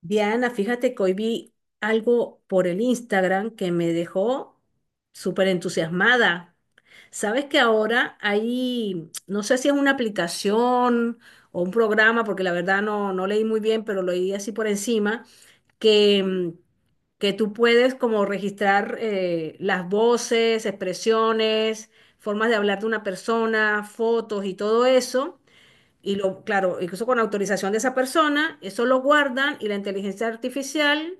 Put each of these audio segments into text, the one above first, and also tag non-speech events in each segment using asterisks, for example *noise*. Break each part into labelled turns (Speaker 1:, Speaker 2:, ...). Speaker 1: Diana, fíjate que hoy vi algo por el Instagram que me dejó súper entusiasmada. Sabes que ahora hay, no sé si es una aplicación o un programa, porque la verdad no leí muy bien, pero lo leí así por encima, que, que tú puedes como registrar las voces, expresiones, formas de hablar de una persona, fotos y todo eso. Y lo, claro, incluso con autorización de esa persona, eso lo guardan y la inteligencia artificial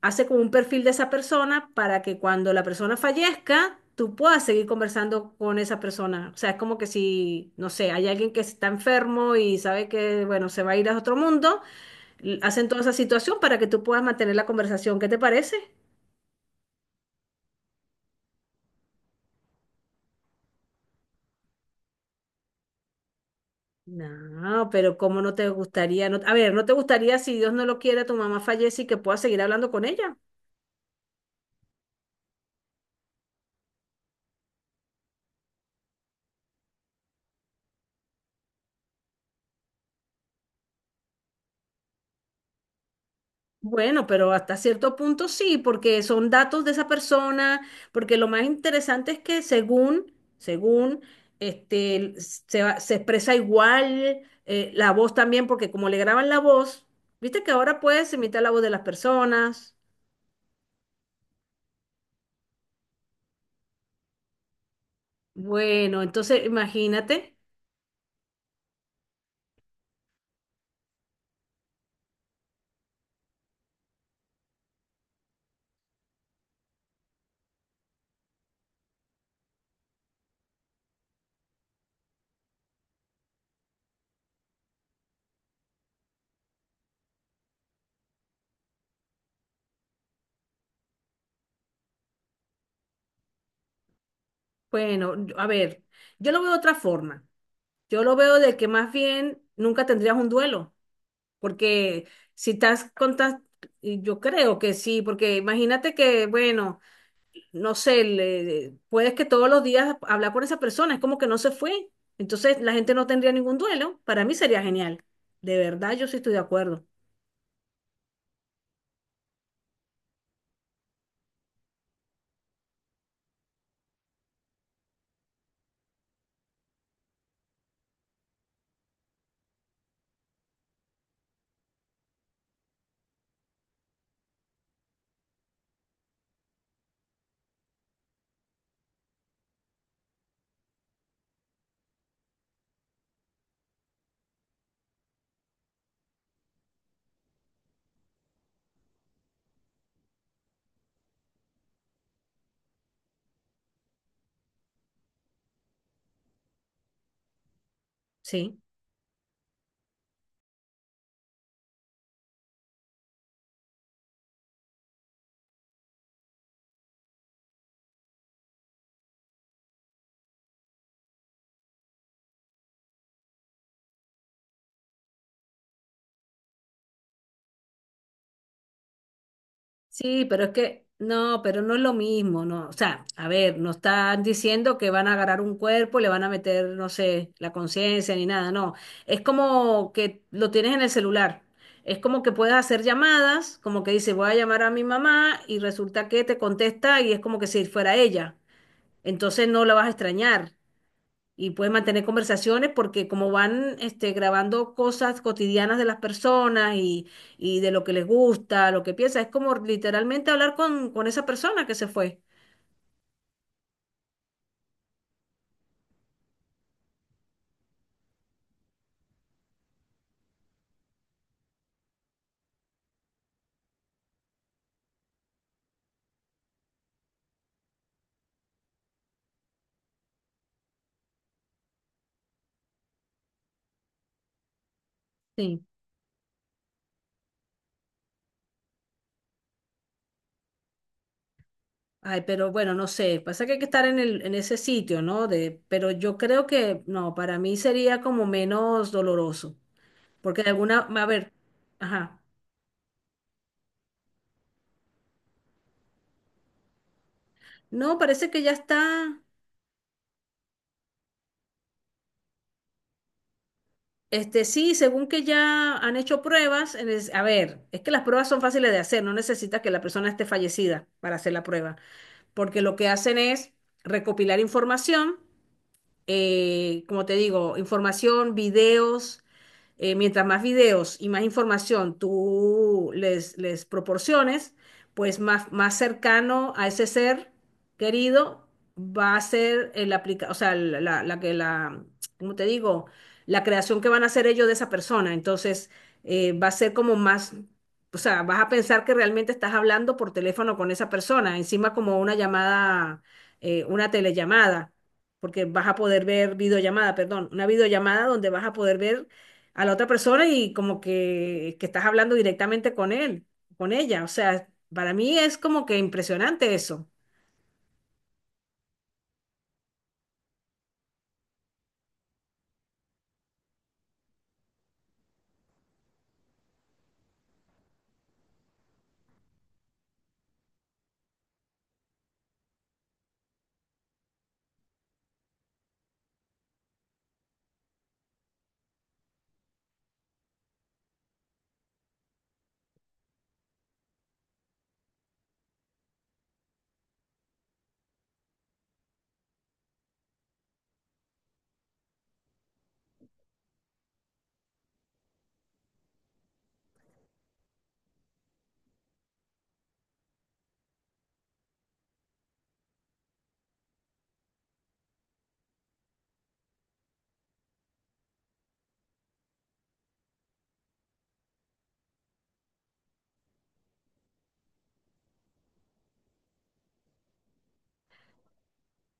Speaker 1: hace como un perfil de esa persona para que cuando la persona fallezca, tú puedas seguir conversando con esa persona. O sea, es como que si, no sé, hay alguien que está enfermo y sabe que, bueno, se va a ir a otro mundo, hacen toda esa situación para que tú puedas mantener la conversación. ¿Qué te parece? No, pero ¿cómo no te gustaría? A ver, ¿no te gustaría si Dios no lo quiere, tu mamá fallece y que puedas seguir hablando con ella? Bueno, pero hasta cierto punto sí, porque son datos de esa persona, porque lo más interesante es que según, según, este, se expresa igual la voz también, porque como le graban la voz, viste que ahora puedes imitar la voz de las personas. Bueno, entonces imagínate, bueno, a ver, yo lo veo de otra forma. Yo lo veo de que más bien nunca tendrías un duelo. Porque si estás contando, yo creo que sí, porque imagínate que, bueno, no sé, puedes que todos los días hablar con esa persona, es como que no se fue. Entonces la gente no tendría ningún duelo. Para mí sería genial. De verdad, yo sí estoy de acuerdo. Sí. Sí, pero es que no, pero no es lo mismo, no. O sea, a ver, no están diciendo que van a agarrar un cuerpo, le van a meter, no sé, la conciencia ni nada, no. Es como que lo tienes en el celular. Es como que puedes hacer llamadas, como que dice, voy a llamar a mi mamá y resulta que te contesta y es como que si fuera ella. Entonces no la vas a extrañar y puedes mantener conversaciones porque como van este, grabando cosas cotidianas de las personas y de lo que les gusta, lo que piensa, es como literalmente hablar con esa persona que se fue. Sí. Ay, pero bueno, no sé, pasa que hay que estar en en ese sitio, ¿no? De, pero yo creo que, no, para mí sería como menos doloroso, porque de alguna, a ver, ajá. No, parece que ya está. Este, sí, según que ya han hecho pruebas, a ver, es que las pruebas son fáciles de hacer, no necesitas que la persona esté fallecida para hacer la prueba, porque lo que hacen es recopilar información, como te digo, información, videos, mientras más videos y más información tú les proporciones, pues más, más cercano a ese ser querido va a ser el aplica, o sea, la que la, ¿cómo te digo? La creación que van a hacer ellos de esa persona. Entonces, va a ser como más, o sea, vas a pensar que realmente estás hablando por teléfono con esa persona, encima como una llamada, una telellamada, porque vas a poder ver videollamada, perdón, una videollamada donde vas a poder ver a la otra persona y como que estás hablando directamente con él, con ella. O sea, para mí es como que impresionante eso.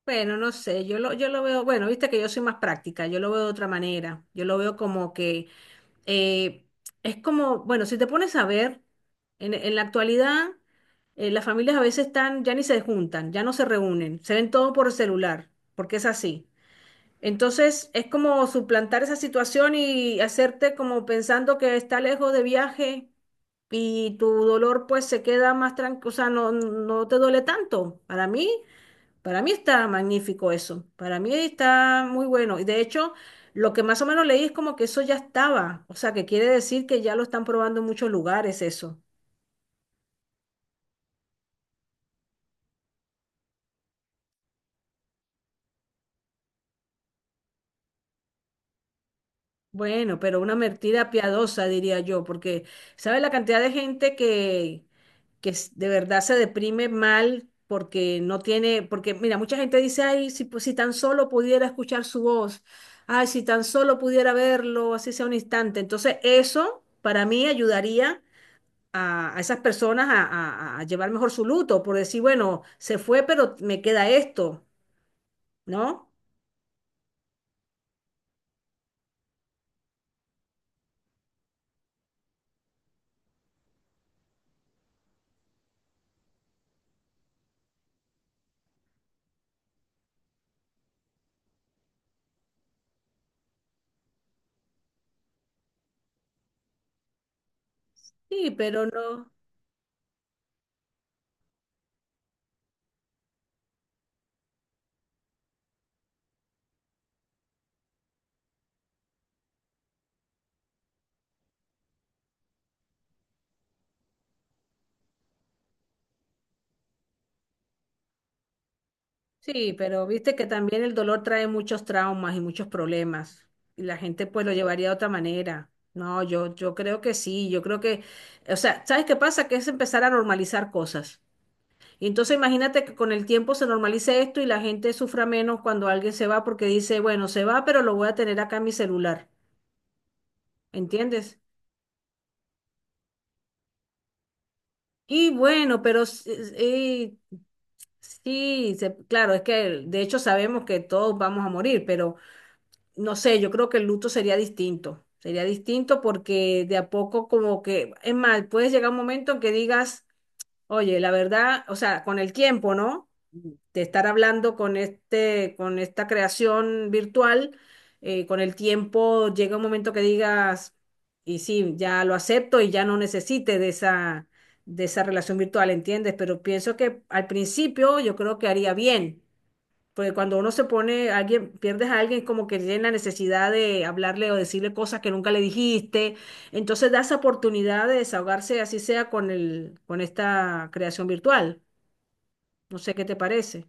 Speaker 1: Bueno, no sé, yo lo veo, bueno, viste que yo soy más práctica, yo lo veo de otra manera, yo lo veo como que eh, es como, bueno, si te pones a ver, en la actualidad las familias a veces están, ya ni se juntan, ya no se reúnen, se ven todo por celular, porque es así. Entonces es como suplantar esa situación y hacerte como pensando que está lejos de viaje y tu dolor pues se queda más tranquilo, o sea, no te duele tanto. Para mí está magnífico eso, para mí está muy bueno. Y de hecho, lo que más o menos leí es como que eso ya estaba, o sea, que quiere decir que ya lo están probando en muchos lugares eso. Bueno, pero una mentira piadosa, diría yo, porque ¿sabes la cantidad de gente que de verdad se deprime mal porque no tiene, porque mira, mucha gente dice, ay, si, pues, si tan solo pudiera escuchar su voz, ay, si tan solo pudiera verlo, así sea un instante. Entonces, eso para mí ayudaría a esas personas a, a llevar mejor su luto, por decir, bueno, se fue, pero me queda esto, ¿no? Sí, pero no. Sí, pero viste que también el dolor trae muchos traumas y muchos problemas. Y la gente pues lo llevaría de otra manera. No, yo creo que sí, yo creo que, o sea, ¿sabes qué pasa? Que es empezar a normalizar cosas. Y entonces imagínate que con el tiempo se normalice esto y la gente sufra menos cuando alguien se va porque dice, bueno, se va, pero lo voy a tener acá en mi celular. ¿Entiendes? Y bueno, eh, sí, se- claro, es que de hecho sabemos que todos vamos a morir, pero no sé, yo creo que el luto sería distinto. Sería distinto porque de a poco como que, es más, puedes llegar a un momento en que digas, oye, la verdad, o sea, con el tiempo, ¿no? De estar hablando con este, con esta creación virtual, con el tiempo llega un momento que digas, y sí, ya lo acepto y ya no necesite de esa relación virtual, ¿entiendes? Pero pienso que al principio yo creo que haría bien porque cuando uno se pone, alguien, pierdes a alguien, como que tiene la necesidad de hablarle o decirle cosas que nunca le dijiste. Entonces da esa oportunidad de desahogarse, así sea con el, con esta creación virtual. No sé qué te parece.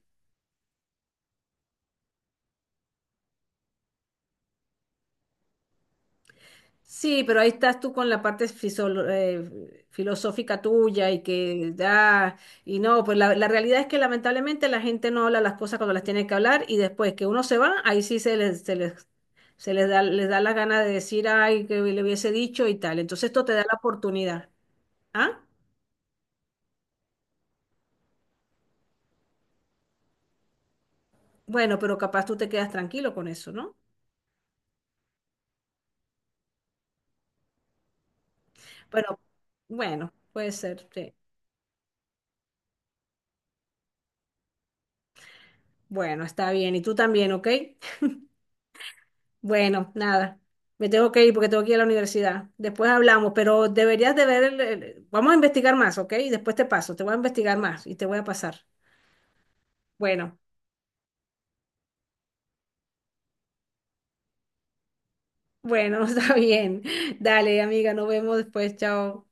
Speaker 1: Sí, pero ahí estás tú con la parte filosófica tuya y que da, y no, pues la realidad es que lamentablemente la gente no habla las cosas cuando las tiene que hablar y después que uno se va, ahí sí se les da la gana de decir, ay, que le hubiese dicho y tal. Entonces esto te da la oportunidad. ¿Ah? Bueno, pero capaz tú te quedas tranquilo con eso, ¿no? Pero bueno, puede ser, sí. Bueno, está bien. Y tú también, ¿ok? Bueno, nada. Me tengo que ir porque tengo que ir a la universidad. Después hablamos, pero deberías de ver Vamos a investigar más, ¿ok? Y después te paso, te voy a investigar más y te voy a pasar. Bueno, bueno, *laughs* está bien. Dale, amiga, nos vemos después. Chao.